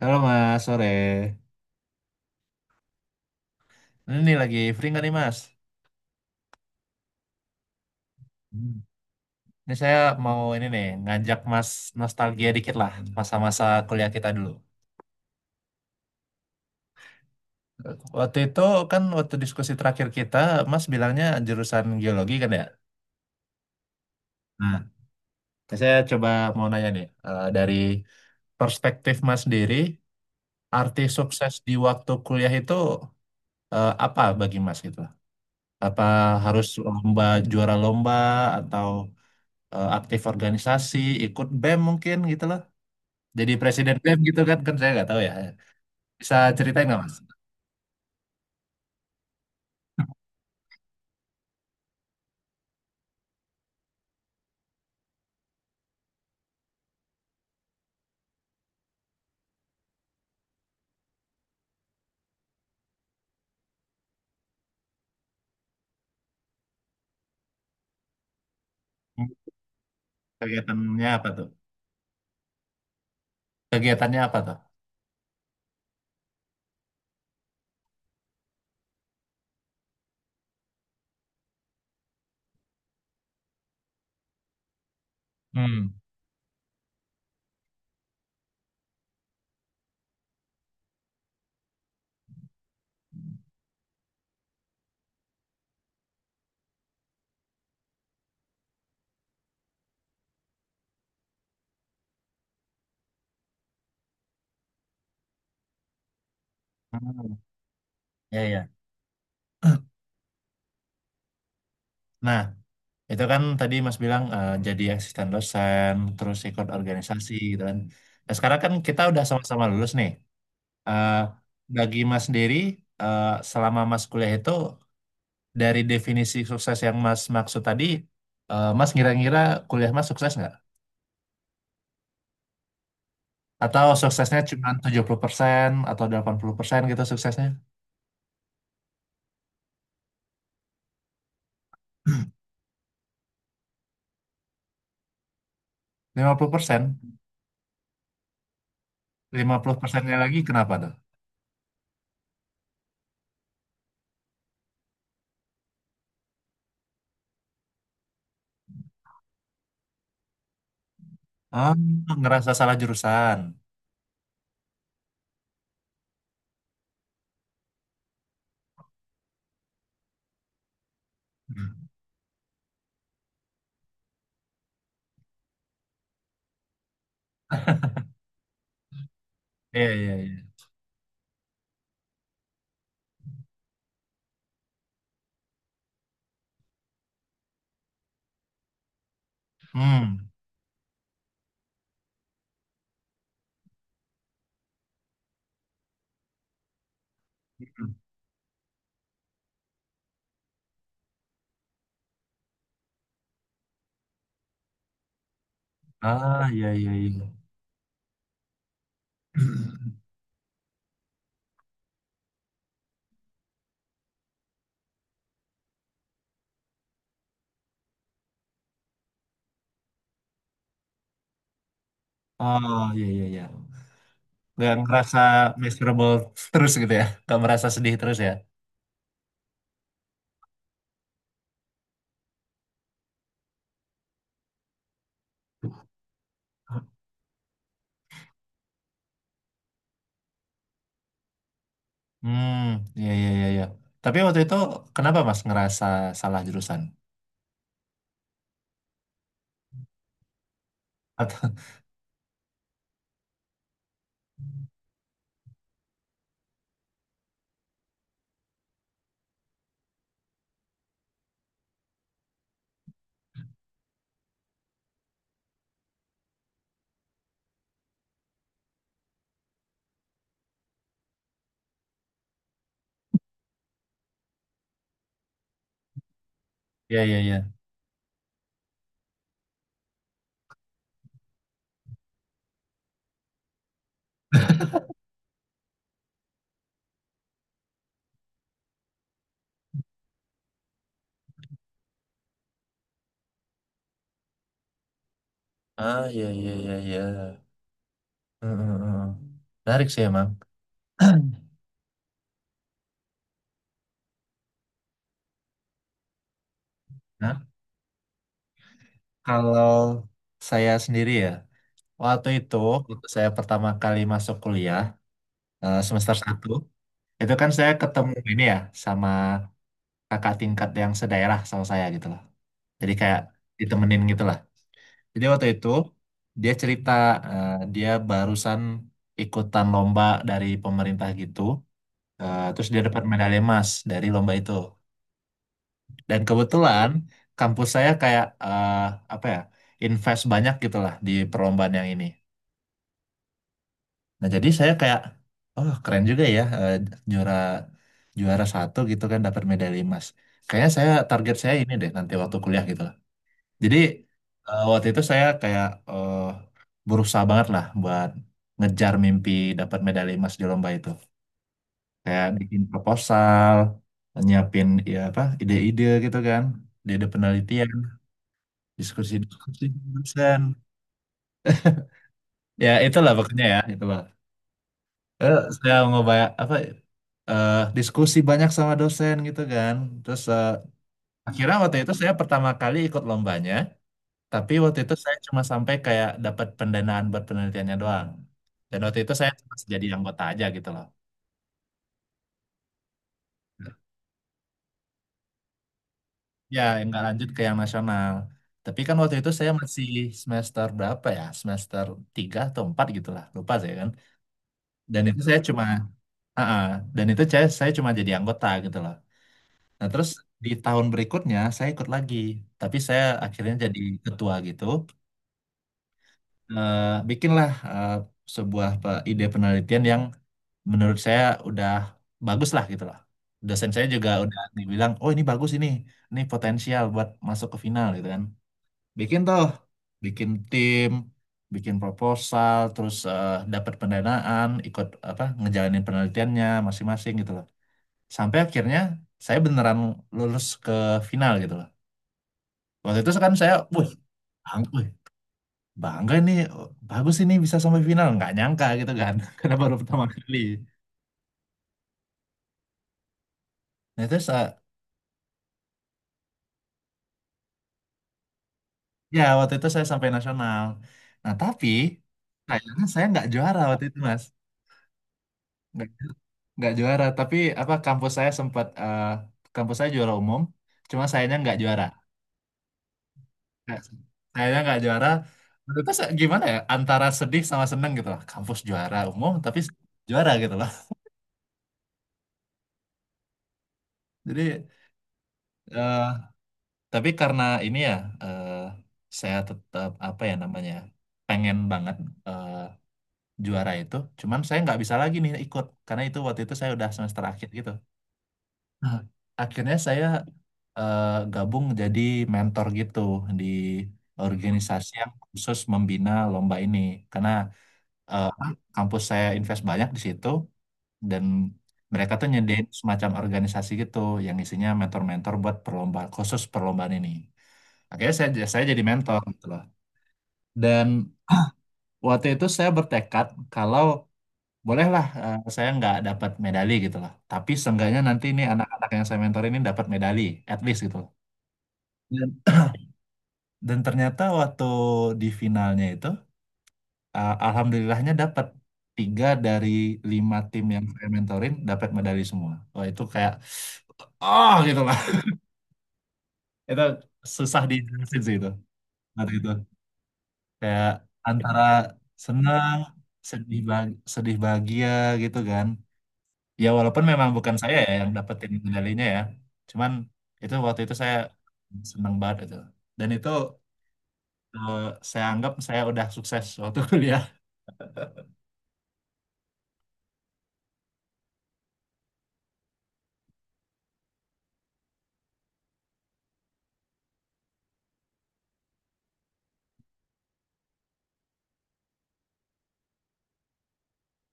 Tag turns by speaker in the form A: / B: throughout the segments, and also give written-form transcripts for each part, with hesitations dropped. A: Halo Mas, sore. Ini nih lagi free nggak nih Mas? Hmm. Ini saya mau ini nih ngajak Mas nostalgia dikit lah masa-masa kuliah kita dulu. Waktu itu kan waktu diskusi terakhir kita, Mas bilangnya jurusan geologi kan ya? Nah, saya coba mau nanya nih dari perspektif Mas sendiri, arti sukses di waktu kuliah itu apa bagi Mas gitu? Apa harus lomba juara lomba atau aktif organisasi, ikut BEM mungkin gitu loh? Jadi presiden BEM gitu kan, kan saya nggak tahu ya. Bisa ceritain nggak Mas? Kegiatannya apa tuh? Kegiatannya apa tuh? Hmm, hmm, ya, ya. Nah, itu kan tadi Mas bilang jadi asisten dosen, terus ikut organisasi gitu kan. Nah, sekarang kan kita udah sama-sama lulus nih. Eh, bagi Mas sendiri, eh, selama Mas kuliah itu dari definisi sukses yang Mas maksud tadi, Mas ngira-ngira kuliah Mas sukses nggak? Atau suksesnya cuma 70% atau 80% gitu suksesnya? 50%, lima puluh persennya lagi kenapa tuh? Ah, ngerasa salah jurusan. Hmm. Iya, iya, iya. Hmm. Ah, iya, iya, iya. Oh, iya, iya, iya. Nggak ngerasa miserable terus gitu ya? Nggak merasa sedih terus ya? Hmm, iya, iya, iya, iya. Tapi waktu itu kenapa Mas ngerasa salah jurusan? Atau, iya, iya, iya. Ah, iya, iya, iya, iya. Hmm, hmm, hmm. Menarik sih emang. Nah, kalau saya sendiri ya, waktu itu, waktu saya pertama kali masuk kuliah, semester satu, itu kan saya ketemu ini ya, sama kakak tingkat yang sedaerah sama saya gitu loh. Jadi kayak ditemenin gitu lah. Jadi waktu itu, dia cerita eh, dia barusan ikutan lomba dari pemerintah gitu, terus dia dapat medali emas dari lomba itu. Dan kebetulan, kampus saya kayak, apa ya, invest banyak gitu lah di perlombaan yang ini. Nah, jadi saya kayak, oh keren juga ya juara juara satu gitu kan dapat medali emas. Kayaknya saya target saya ini deh nanti waktu kuliah gitu lah. Jadi waktu itu saya kayak eh, berusaha banget lah buat ngejar mimpi dapat medali emas di lomba itu. Kayak bikin proposal, nyiapin ya apa ide-ide gitu kan, ide-ide penelitian, diskusi-diskusi dosen. Ya itulah pokoknya ya, itu saya mau banyak apa diskusi banyak sama dosen gitu kan, terus akhirnya waktu itu saya pertama kali ikut lombanya. Tapi waktu itu saya cuma sampai kayak dapat pendanaan buat penelitiannya doang dan waktu itu saya cuma jadi anggota aja gitu loh. Ya nggak lanjut ke yang nasional, tapi kan waktu itu saya masih semester berapa ya, semester 3 atau 4 gitu lah, lupa saya kan. Dan itu saya cuma ah, ah. dan itu saya cuma jadi anggota gitu loh. Nah, terus di tahun berikutnya saya ikut lagi, tapi saya akhirnya jadi ketua gitu. Eh, bikinlah sebuah ide penelitian yang menurut saya udah bagus lah gitu lah. Dosen saya juga udah dibilang, oh ini bagus ini potensial buat masuk ke final gitu kan. Bikin tuh, bikin tim, bikin proposal, terus dapat pendanaan, ikut apa ngejalanin penelitiannya masing-masing gitu loh. Sampai akhirnya saya beneran lulus ke final gitu loh. Waktu itu kan saya wih, bang, wih, bangga ini, bagus ini bisa sampai final nggak nyangka gitu kan karena baru pertama kali. Nah, terus ya waktu itu saya sampai nasional. Nah, tapi kayaknya saya nggak juara waktu itu Mas. nggak nggak juara, tapi apa, kampus saya juara umum, cuma sayanya nggak juara. Nggak- Sayanya nggak juara waktu itu. Gimana ya, antara sedih sama seneng gitu lah, kampus juara umum tapi juara gitu loh. jadi eh, Tapi karena ini ya, eh, saya tetap apa ya namanya, pengen banget eh, juara itu. Cuman saya nggak bisa lagi nih ikut, karena itu waktu itu saya udah semester akhir gitu. Nah, akhirnya saya eh, gabung jadi mentor gitu di organisasi yang khusus membina lomba ini. Karena eh, kampus saya invest banyak di situ dan mereka tuh nyediain semacam organisasi gitu yang isinya mentor-mentor buat perlombaan, khusus perlombaan ini. Akhirnya saya jadi mentor gitu loh. Dan waktu itu saya bertekad kalau bolehlah saya nggak dapat medali gitu loh. Tapi seenggaknya nanti ini anak-anak yang saya mentor ini dapat medali, at least gitu loh. Dan, dan ternyata waktu di finalnya itu, alhamdulillahnya dapat tiga dari lima tim yang saya mentorin dapat medali semua. Wah itu kayak, oh gitu lah. Itu susah dijelasin sih itu. Waktu itu, kayak antara senang, sedih bah- sedih bahagia gitu kan. Ya walaupun memang bukan saya ya yang dapetin medalinya ya. Cuman itu waktu itu saya senang banget itu. Dan itu eh, saya anggap saya udah sukses waktu kuliah.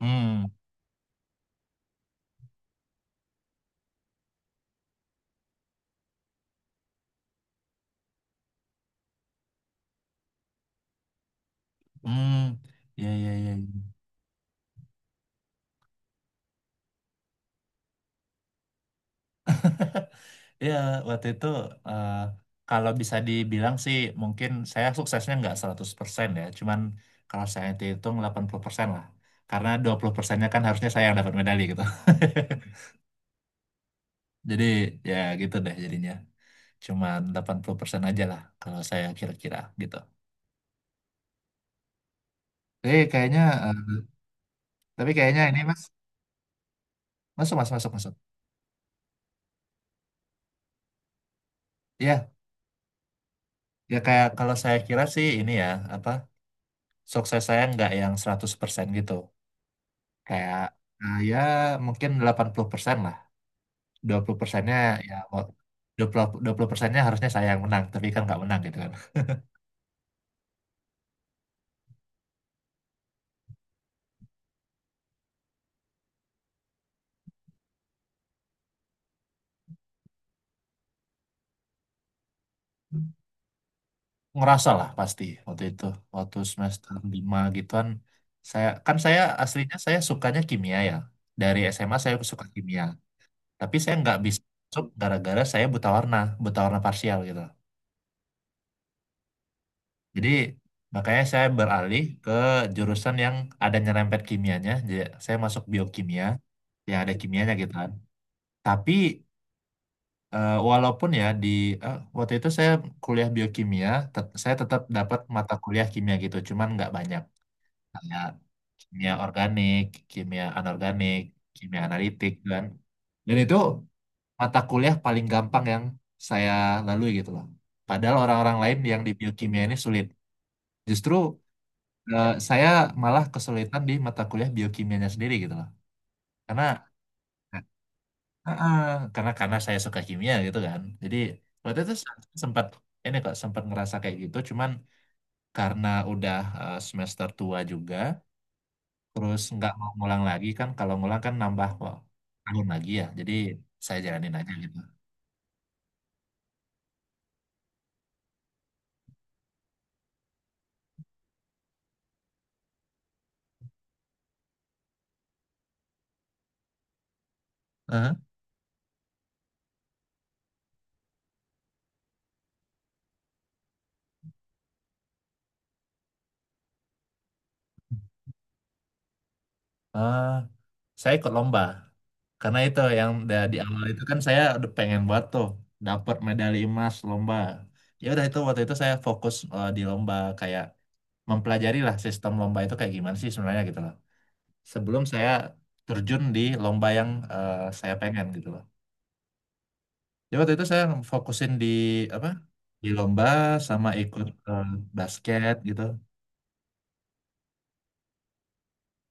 A: Hmm, hmm, ya, ya, ya. Iya, waktu itu eh, kalau bisa dibilang sih mungkin saya suksesnya nggak 100% ya. Cuman kalau saya hitung 80% lah. Karena dua puluh persennya kan harusnya saya yang dapat medali gitu. Jadi ya gitu deh jadinya. Cuman 80% aja lah kalau saya kira-kira gitu. Tapi kayaknya eh, tapi kayaknya ini Mas, masuk Mas, masuk, masuk. Iya, ya kayak kalau saya kira sih ini ya apa, sukses saya nggak yang 100% gitu. Kayak nah, ya mungkin 80% lah. Dua puluh persennya ya mau- dua puluh persennya harusnya saya yang menang tapi kan nggak menang gitu kan. Ngerasa lah pasti waktu itu, waktu semester 5 gituan saya kan, saya aslinya saya sukanya kimia ya, dari SMA saya suka kimia, tapi saya nggak bisa masuk gara-gara saya buta warna, buta warna parsial gitu. Jadi makanya saya beralih ke jurusan yang ada nyerempet kimianya, jadi saya masuk biokimia yang ada kimianya gitu kan. Tapi walaupun ya di waktu itu saya kuliah biokimia, saya tetap dapat mata kuliah kimia gitu, cuman nggak banyak. Kayak kimia organik, kimia anorganik, kimia analitik dan itu mata kuliah paling gampang yang saya lalui gitu loh. Padahal orang-orang lain yang di biokimia ini sulit. Justru saya malah kesulitan di mata kuliah biokimianya sendiri gitu loh. Karena Heeh, karena saya suka kimia gitu kan. Jadi waktu itu sempat ini kok sempat ngerasa kayak gitu. Cuman karena udah semester tua juga, terus nggak mau ngulang lagi kan. Kalau ngulang kan nambah wah, tahun lagi ya. Jadi saya jalanin aja gitu. Heeh. Eh, saya ikut lomba karena itu yang di awal itu kan saya udah pengen buat tuh dapat medali emas lomba. Ya udah itu waktu itu saya fokus di lomba kayak mempelajari lah sistem lomba itu kayak gimana sih sebenarnya gitu loh. Sebelum saya terjun di lomba yang saya pengen gitu loh. Jadi waktu itu saya fokusin di apa? Di lomba sama ikut basket gitu.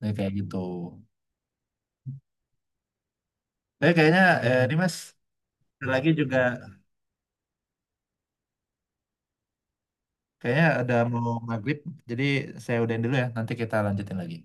A: Jadi kayak gitu. Tapi kayaknya ini Mas lagi juga kayaknya ada mau maghrib. Jadi saya udahin dulu ya. Nanti kita lanjutin lagi.